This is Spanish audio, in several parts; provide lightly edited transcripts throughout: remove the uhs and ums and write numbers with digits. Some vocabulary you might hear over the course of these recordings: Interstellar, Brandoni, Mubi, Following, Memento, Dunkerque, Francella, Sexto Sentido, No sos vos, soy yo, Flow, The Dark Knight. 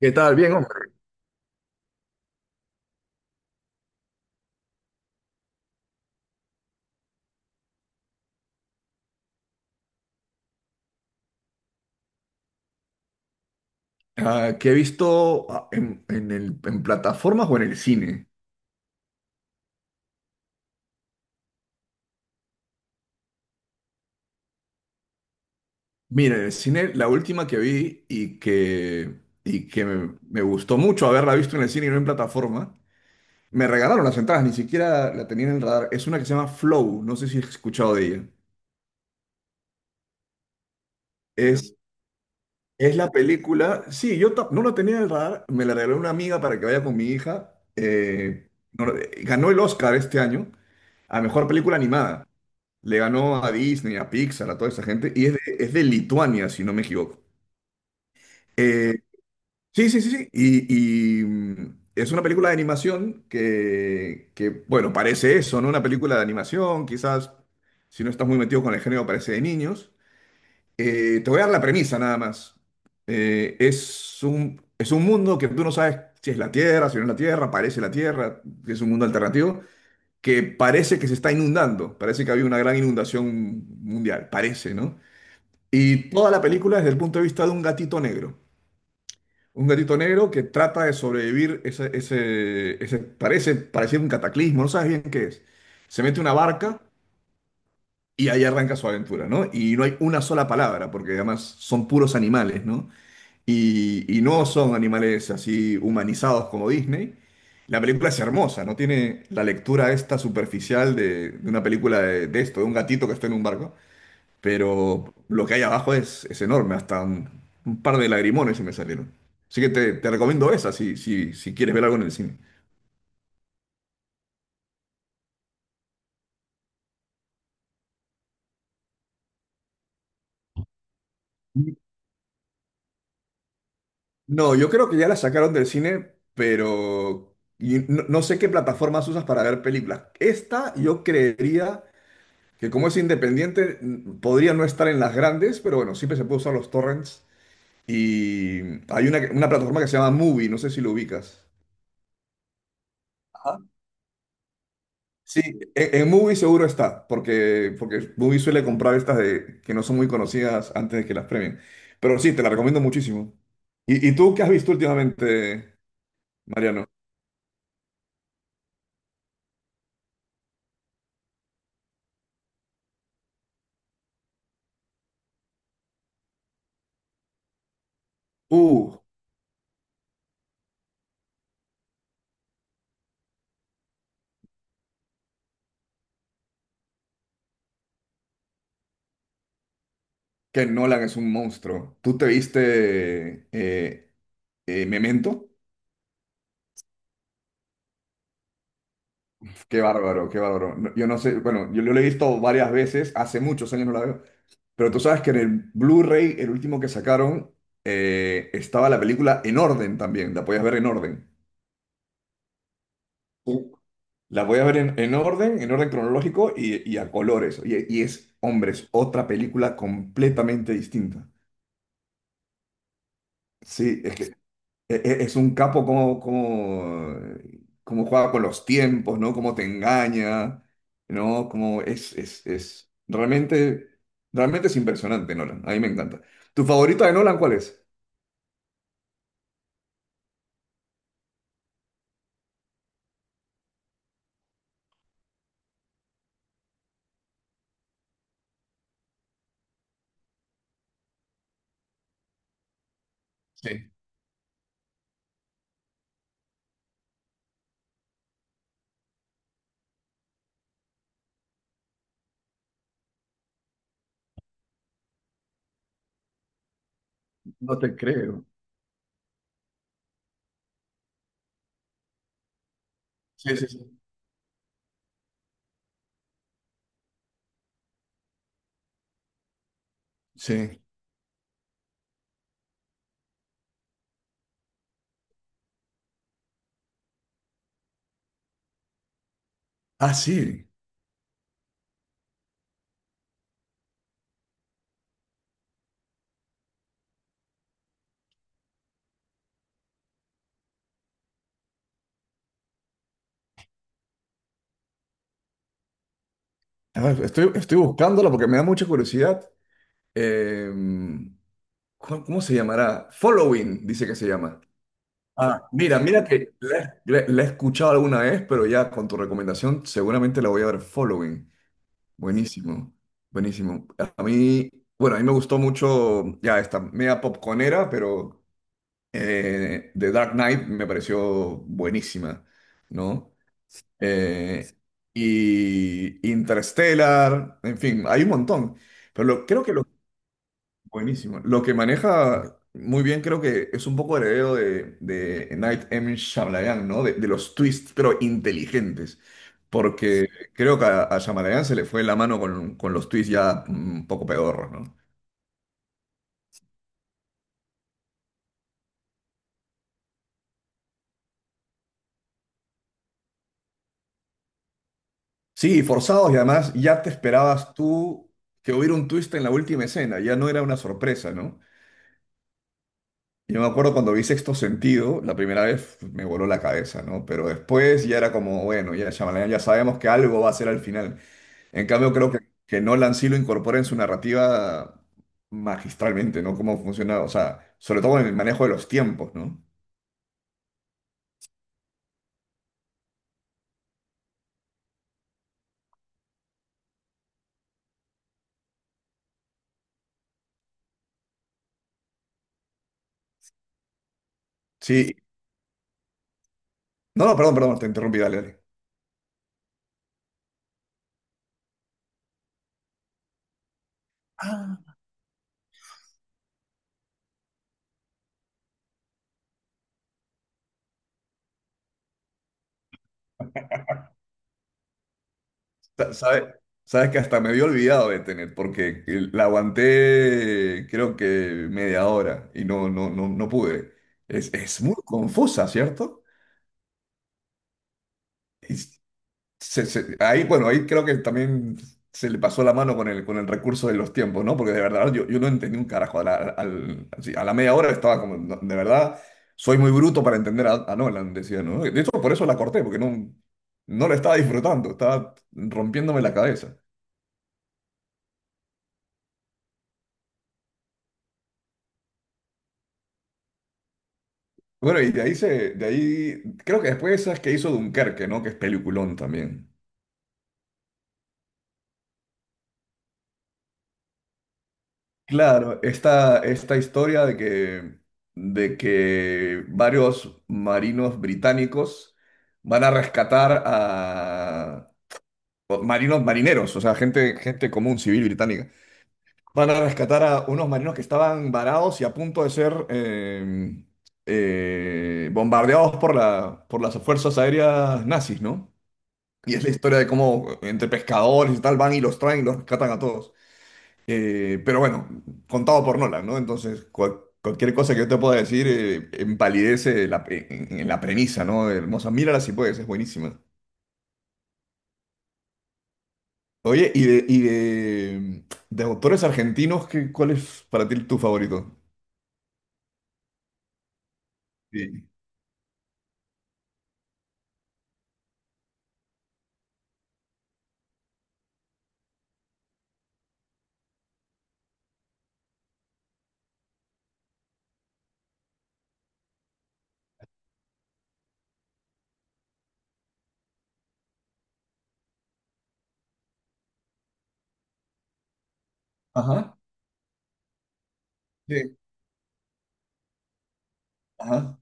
¿Qué tal? Bien, hombre. ¿Qué he visto en, en plataformas o en el cine? Mira, en el cine la última que vi y que me gustó mucho haberla visto en el cine y no en plataforma, me regalaron las entradas, ni siquiera la tenía en el radar. Es una que se llama Flow, no sé si has escuchado de ella. Es, es la película, sí, yo no la tenía en el radar, me la regaló una amiga para que vaya con mi hija. Ganó el Oscar este año a mejor película animada. Le ganó a Disney, a Pixar, a toda esa gente. Y es de Lituania, si no me equivoco. Eh, sí, sí, sí, sí. Y, es una película de animación que, bueno, parece eso, ¿no? Una película de animación, quizás, si no estás muy metido con el género, parece de niños. Te voy a dar la premisa nada más. Es un mundo que tú no sabes si es la Tierra, si no es la Tierra, parece la Tierra, es un mundo alternativo, que parece que se está inundando, parece que había una gran inundación mundial, parece, ¿no? Y toda la película desde el punto de vista de un gatito negro. Un gatito negro que trata de sobrevivir ese, ese, parece, parece un cataclismo, no sabes bien qué es. Se mete una barca y ahí arranca su aventura, ¿no? Y no hay una sola palabra, porque además son puros animales, ¿no? Y no son animales así humanizados como Disney. La película es hermosa, no tiene la lectura esta superficial de una película de esto, de un gatito que está en un barco, pero lo que hay abajo es enorme, hasta un par de lagrimones se me salieron. Así que te recomiendo esa si, si, si quieres ver algo en el cine. No, yo creo que ya la sacaron del cine, pero y no, no sé qué plataformas usas para ver películas. Esta yo creería que como es independiente, podría no estar en las grandes, pero bueno, siempre se puede usar los torrents. Y hay una plataforma que se llama Movie, no sé si lo ubicas. Sí, en Mubi seguro está, porque, porque Mubi suele comprar estas de, que no son muy conocidas antes de que las premien. Pero sí, te la recomiendo muchísimo. Y tú qué has visto últimamente, Mariano? Uh, que Nolan es un monstruo. ¿Tú te viste Memento? Qué bárbaro, qué bárbaro. Yo no sé, bueno, yo lo he visto varias veces, hace muchos años no la veo, pero tú sabes que en el Blu-ray, el último que sacaron, estaba la película en orden también, la podías ver en orden. La voy a ver en orden cronológico y a colores. Y es, hombre, es otra película completamente distinta. Sí, es que es un capo como, como, como juega con los tiempos, ¿no? Cómo te engaña, ¿no? Como es realmente, realmente es impresionante, Nolan. A mí me encanta. ¿Tu favorita de Nolan cuál es? Sí. No te creo. Sí, sí, sí. Sí. Ah, sí. A ver, estoy, estoy buscándola porque me da mucha curiosidad. Em, ¿Cómo cómo se llamará? Following, dice que se llama. Ah, mira, mira que la, la he escuchado alguna vez, pero ya con tu recomendación seguramente la voy a ver. Following. Buenísimo, buenísimo. A mí, bueno, a mí me gustó mucho ya esta media popconera, pero The Dark Knight me pareció buenísima, ¿no? Eh, y Interstellar, en fin, hay un montón. Pero creo que lo... Buenísimo. Lo que maneja muy bien creo que es un poco heredero de Night M. Shyamalan, ¿no? De los twists, pero inteligentes. Porque creo que a Shyamalan se le fue la mano con los twists ya un poco pedorros, ¿no? Sí, forzados y además ya te esperabas tú que hubiera un twist en la última escena, ya no era una sorpresa, ¿no? Yo me acuerdo cuando vi Sexto Sentido, la primera vez me voló la cabeza, ¿no? Pero después ya era como, bueno, ya Shyamalan ya sabemos que algo va a ser al final. En cambio, creo que Nolan sí lo incorpora en su narrativa magistralmente, ¿no? Cómo funciona, o sea, sobre todo en el manejo de los tiempos, ¿no? Sí. No, no, perdón, perdón, te interrumpí, dale, dale. Ah, Sa- sabe- sabes que hasta me había olvidado de tener, porque la aguanté creo que media hora y no, no, no, no pude. Es muy confusa, ¿cierto? Y ahí, bueno, ahí creo que también se le pasó la mano con el recurso de los tiempos, ¿no? Porque de verdad yo, yo no entendí un carajo. A la, así, a la media hora estaba como, "No, de verdad, soy muy bruto para entender a Nolan", decía, ¿no? De hecho, por eso la corté, porque no, no la estaba disfrutando, estaba rompiéndome la cabeza. Bueno, y de ahí se, de ahí, creo que después esas que hizo Dunkerque, ¿no? Que es peliculón también. Claro, esta historia de que varios marinos británicos van a rescatar a o marinos marineros, o sea, gente, gente común, civil británica, van a rescatar a unos marinos que estaban varados y a punto de ser bombardeados por la, por las fuerzas aéreas nazis, ¿no? Y es la historia de cómo entre pescadores y tal van y los traen y los rescatan a todos. Pero bueno, contado por Nolan, ¿no? Entonces, cualquier cosa que yo te pueda decir empalidece la en la premisa, ¿no? Hermosa, mírala si puedes, es buenísima. Oye, y de autores argentinos, qué, cuál es para ti tu favorito? Sí. Ajá. Sí. Ajá.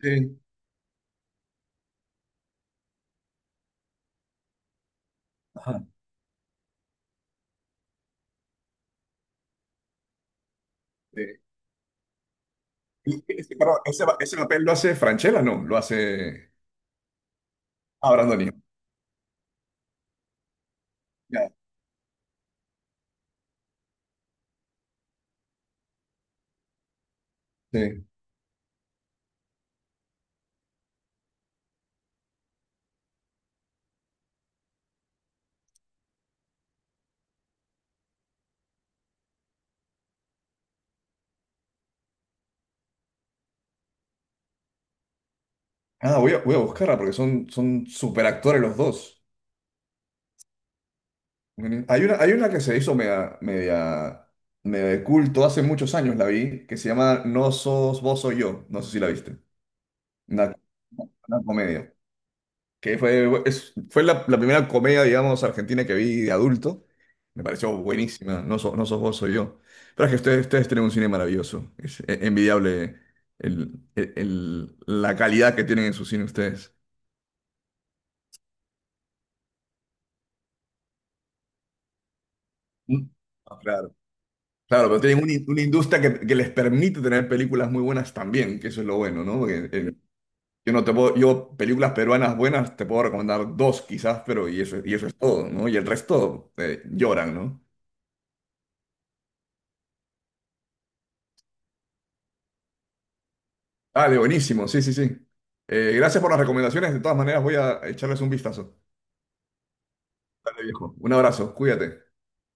Sí. Ajá. Sí. Y ese, perdón, ese, ese papel lo hace Francella, ¿no? Lo hace ah, Brandoni. Ya. Sí. Ah, voy a, voy a buscarla porque son, son superactores los dos. Bueno, hay una, hay una que se hizo media, media, media de culto hace muchos años, la vi, que se llama No sos vos, soy yo. No sé si la viste. Una, una comedia. Que fue, fue la, la primera comedia, digamos, argentina que vi de adulto. Me pareció buenísima. No, no sos vos, soy yo. Pero es que ustedes, ustedes tienen un cine maravilloso. Es envidiable la calidad que tienen en su cine ustedes. Mm. Ah, claro. Claro, pero tienen una, una industria que les permite tener películas muy buenas también, que eso es lo bueno, ¿no? Porque, yo no te puedo, yo películas peruanas buenas te puedo recomendar 2 quizás, pero y eso es todo, ¿no? Y el resto lloran, ¿no? Dale, buenísimo, sí, sí, sí. Gracias por las recomendaciones, de todas maneras voy a echarles un vistazo. Dale, viejo. Un abrazo, cuídate.